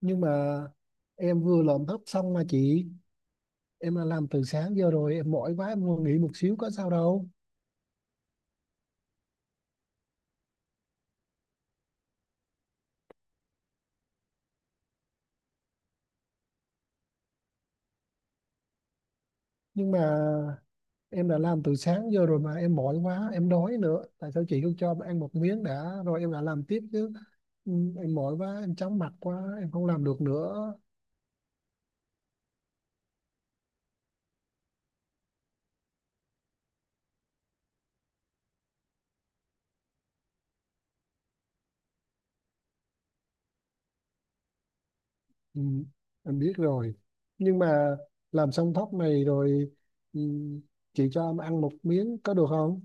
Nhưng mà em vừa làm thấp xong mà chị, em đã làm từ sáng giờ rồi, em mỏi quá, em muốn nghỉ một xíu có sao đâu. Nhưng mà em đã làm từ sáng giờ rồi mà em mỏi quá, em đói nữa, tại sao chị không cho em ăn một miếng đã rồi em đã làm tiếp chứ. ừ, em mỏi quá, em chóng mặt quá, em không làm được nữa. Ừ, em biết rồi. Nhưng mà làm xong thóc này rồi, ừ, chị cho em ăn một miếng có được không?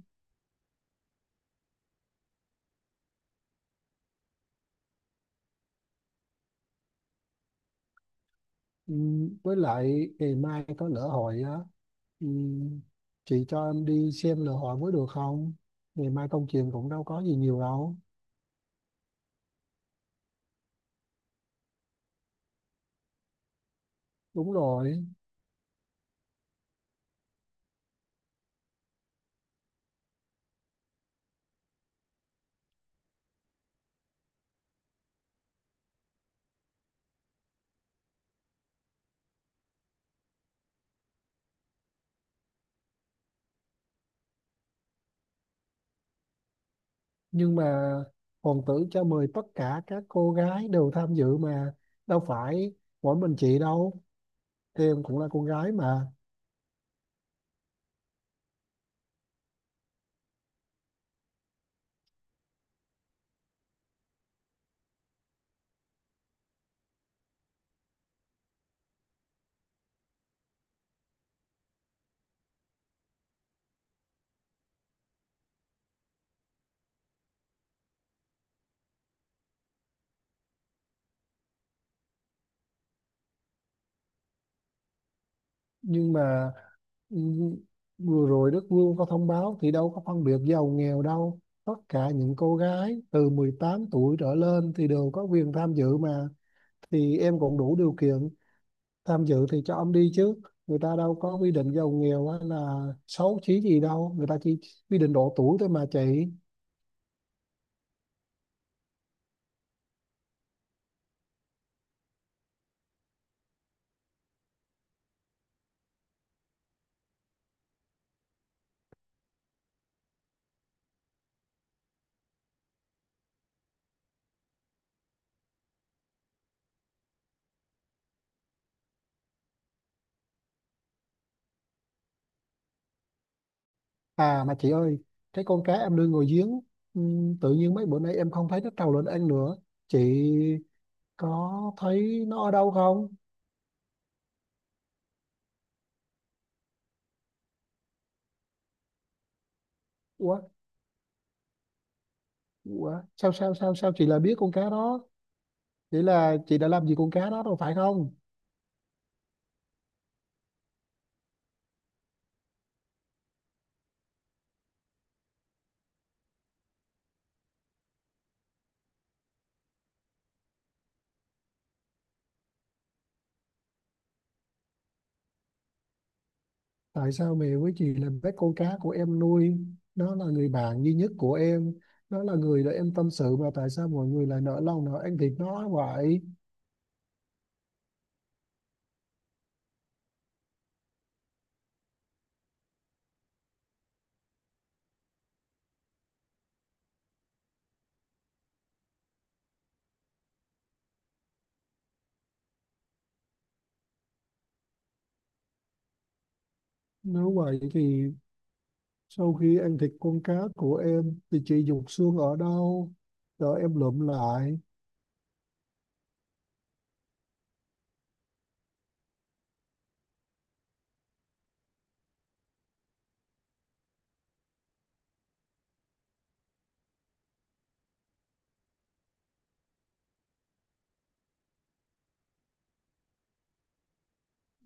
Ừ, với lại ngày mai có lỡ hội á. Ừ, chị cho em đi xem lễ hội mới được không? Ngày mai công chuyện cũng đâu có gì nhiều đâu. Đúng rồi. Nhưng mà hoàng tử cho mời tất cả các cô gái đều tham dự mà. Đâu phải mỗi mình chị đâu, em cũng là cô gái mà. Nhưng mà ừ, vừa rồi Đức Vương có thông báo thì đâu có phân biệt giàu nghèo đâu. Tất cả những cô gái từ 18 tuổi trở lên thì đều có quyền tham dự mà. Thì em cũng đủ điều kiện tham dự thì cho ông đi chứ, người ta đâu có quy định giàu nghèo hay là xấu chí gì đâu, người ta chỉ quy định độ tuổi thôi mà chị. À mà chị ơi, cái con cá em nuôi ngồi giếng, tự nhiên mấy bữa nay em không thấy nó trầu lên ăn nữa, chị có thấy nó ở đâu không? Ủa, ủa sao sao chị lại biết con cá đó? Vậy là chị đã làm gì con cá đó rồi phải không? Tại sao mẹ với chị là bé con cá của em nuôi, nó là người bạn duy nhất của em, nó là người để em tâm sự mà tại sao mọi người lại nỡ lòng nào ăn thịt nó vậy? Nếu vậy thì sau khi ăn thịt con cá của em thì chị dục xương ở đâu, rồi em lượm lại.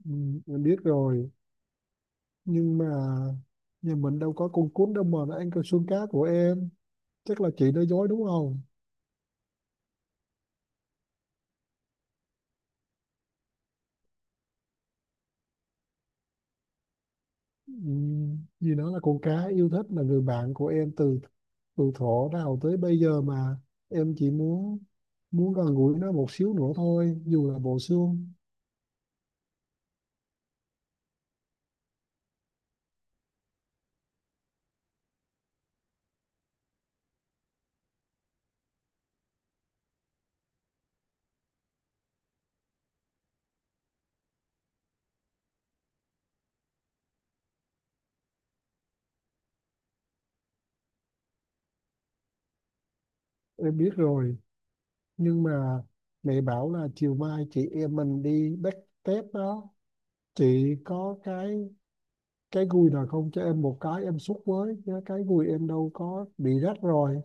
Ừ, em biết rồi. Nhưng mà nhà mình đâu có con cún đâu mà nó ăn cái xương cá của em, chắc là chị nói dối đúng không? Vì nó là con cá yêu thích, là người bạn của em từ từ thuở nào tới bây giờ mà, em chỉ muốn muốn gần gũi nó một xíu nữa thôi dù là bộ xương. Em biết rồi. Nhưng mà mẹ bảo là chiều mai chị em mình đi backstep đó, chị có cái gùi nào không cho em một cái em xúc với chứ cái gùi em đâu có bị rách rồi.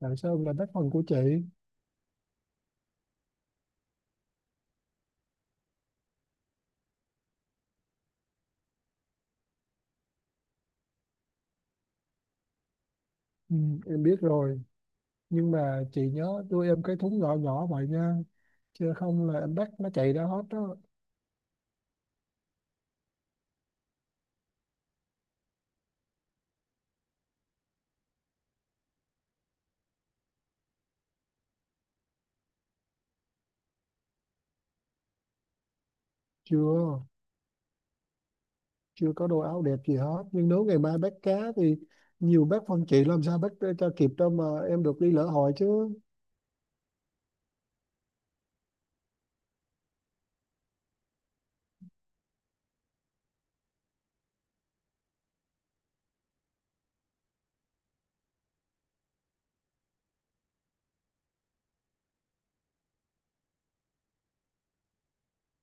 Tại sao em lại bắt phần của chị? Em biết rồi. Nhưng mà chị nhớ đưa em cái thúng nhỏ nhỏ vậy nha, chứ không là em bắt nó chạy ra hết đó. Chưa, chưa có đồ áo đẹp gì hết, nhưng nếu ngày mai bắt cá thì nhiều bác phân chị làm sao bắt cho kịp đâu mà em được đi lễ hội chứ.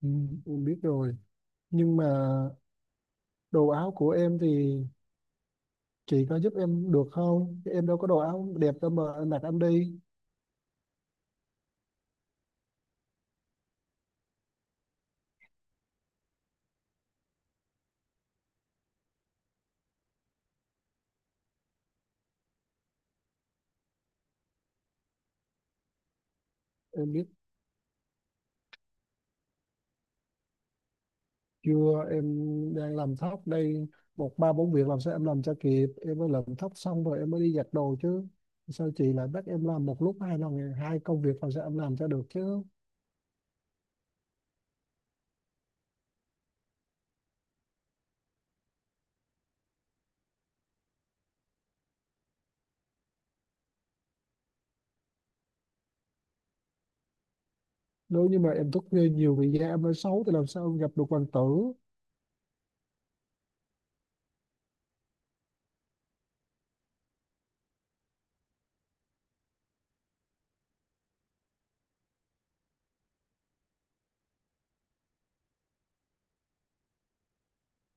Ừ, em biết rồi. Nhưng mà đồ áo của em thì chị có giúp em được không, em đâu có đồ áo đẹp đâu mà em mặc em đi. Em biết. Chưa, em đang làm tóc đây, một ba bốn việc làm sao em làm cho kịp, em mới làm tóc xong rồi em mới đi giặt đồ chứ, sao chị lại bắt em làm một lúc hai lần hai công việc làm sao em làm cho được chứ. Nếu như mà em thức khuya nhiều vì da em mới xấu thì làm sao em gặp được hoàng tử.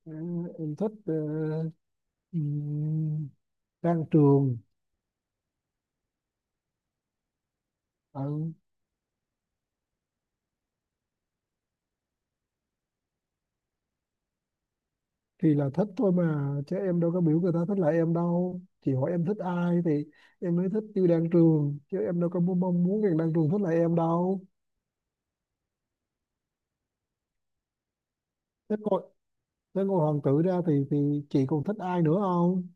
Ừ, em thích ừm, đang trường. Ừ, thì là thích thôi mà chứ em đâu có biểu người ta thích lại em đâu, chị hỏi em thích ai thì em mới thích tiêu đang trường chứ em đâu có mong muốn người đang trường thích lại em đâu. Thế còn nếu ngôi hoàng tử ra thì chị còn thích ai nữa không?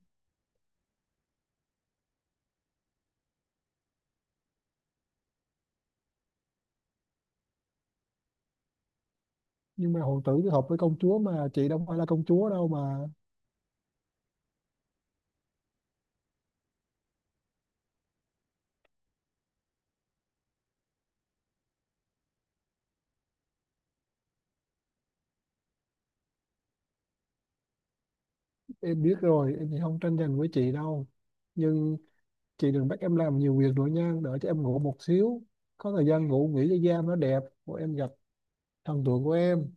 Nhưng mà hoàng tử thì hợp với công chúa mà chị đâu phải là công chúa đâu mà. Em biết rồi, em thì không tranh giành với chị đâu. Nhưng chị đừng bắt em làm nhiều việc nữa nha, đợi cho em ngủ một xíu. Có thời gian ngủ nghỉ cho da nó đẹp, của em gặp thần tượng của em.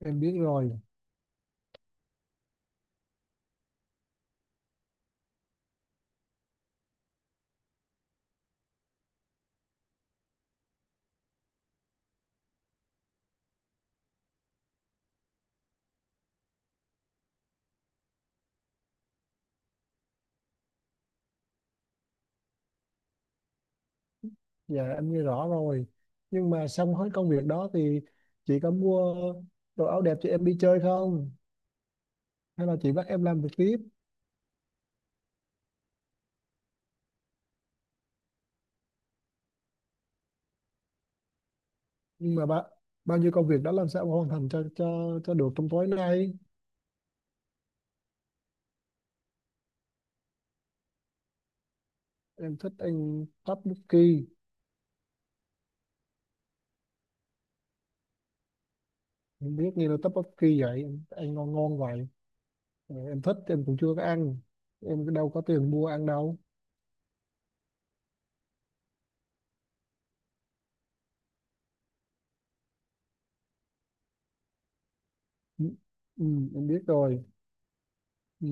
Em biết rồi. Dạ em nghe rõ rồi. Nhưng mà xong hết công việc đó thì chị có mua đồ áo đẹp cho em đi chơi không? Hay là chị bắt em làm việc tiếp? Nhưng mà bạn bao nhiêu công việc đã làm sao mà hoàn thành cho được trong tối nay. Em thích ăn tteokbokki. Em biết nghe là tteokbokki vậy em ăn ngon ngon vậy. Ờ, em thích, em cũng chưa có ăn, em đâu có tiền mua ăn đâu. ừ, ừ, em biết rồi.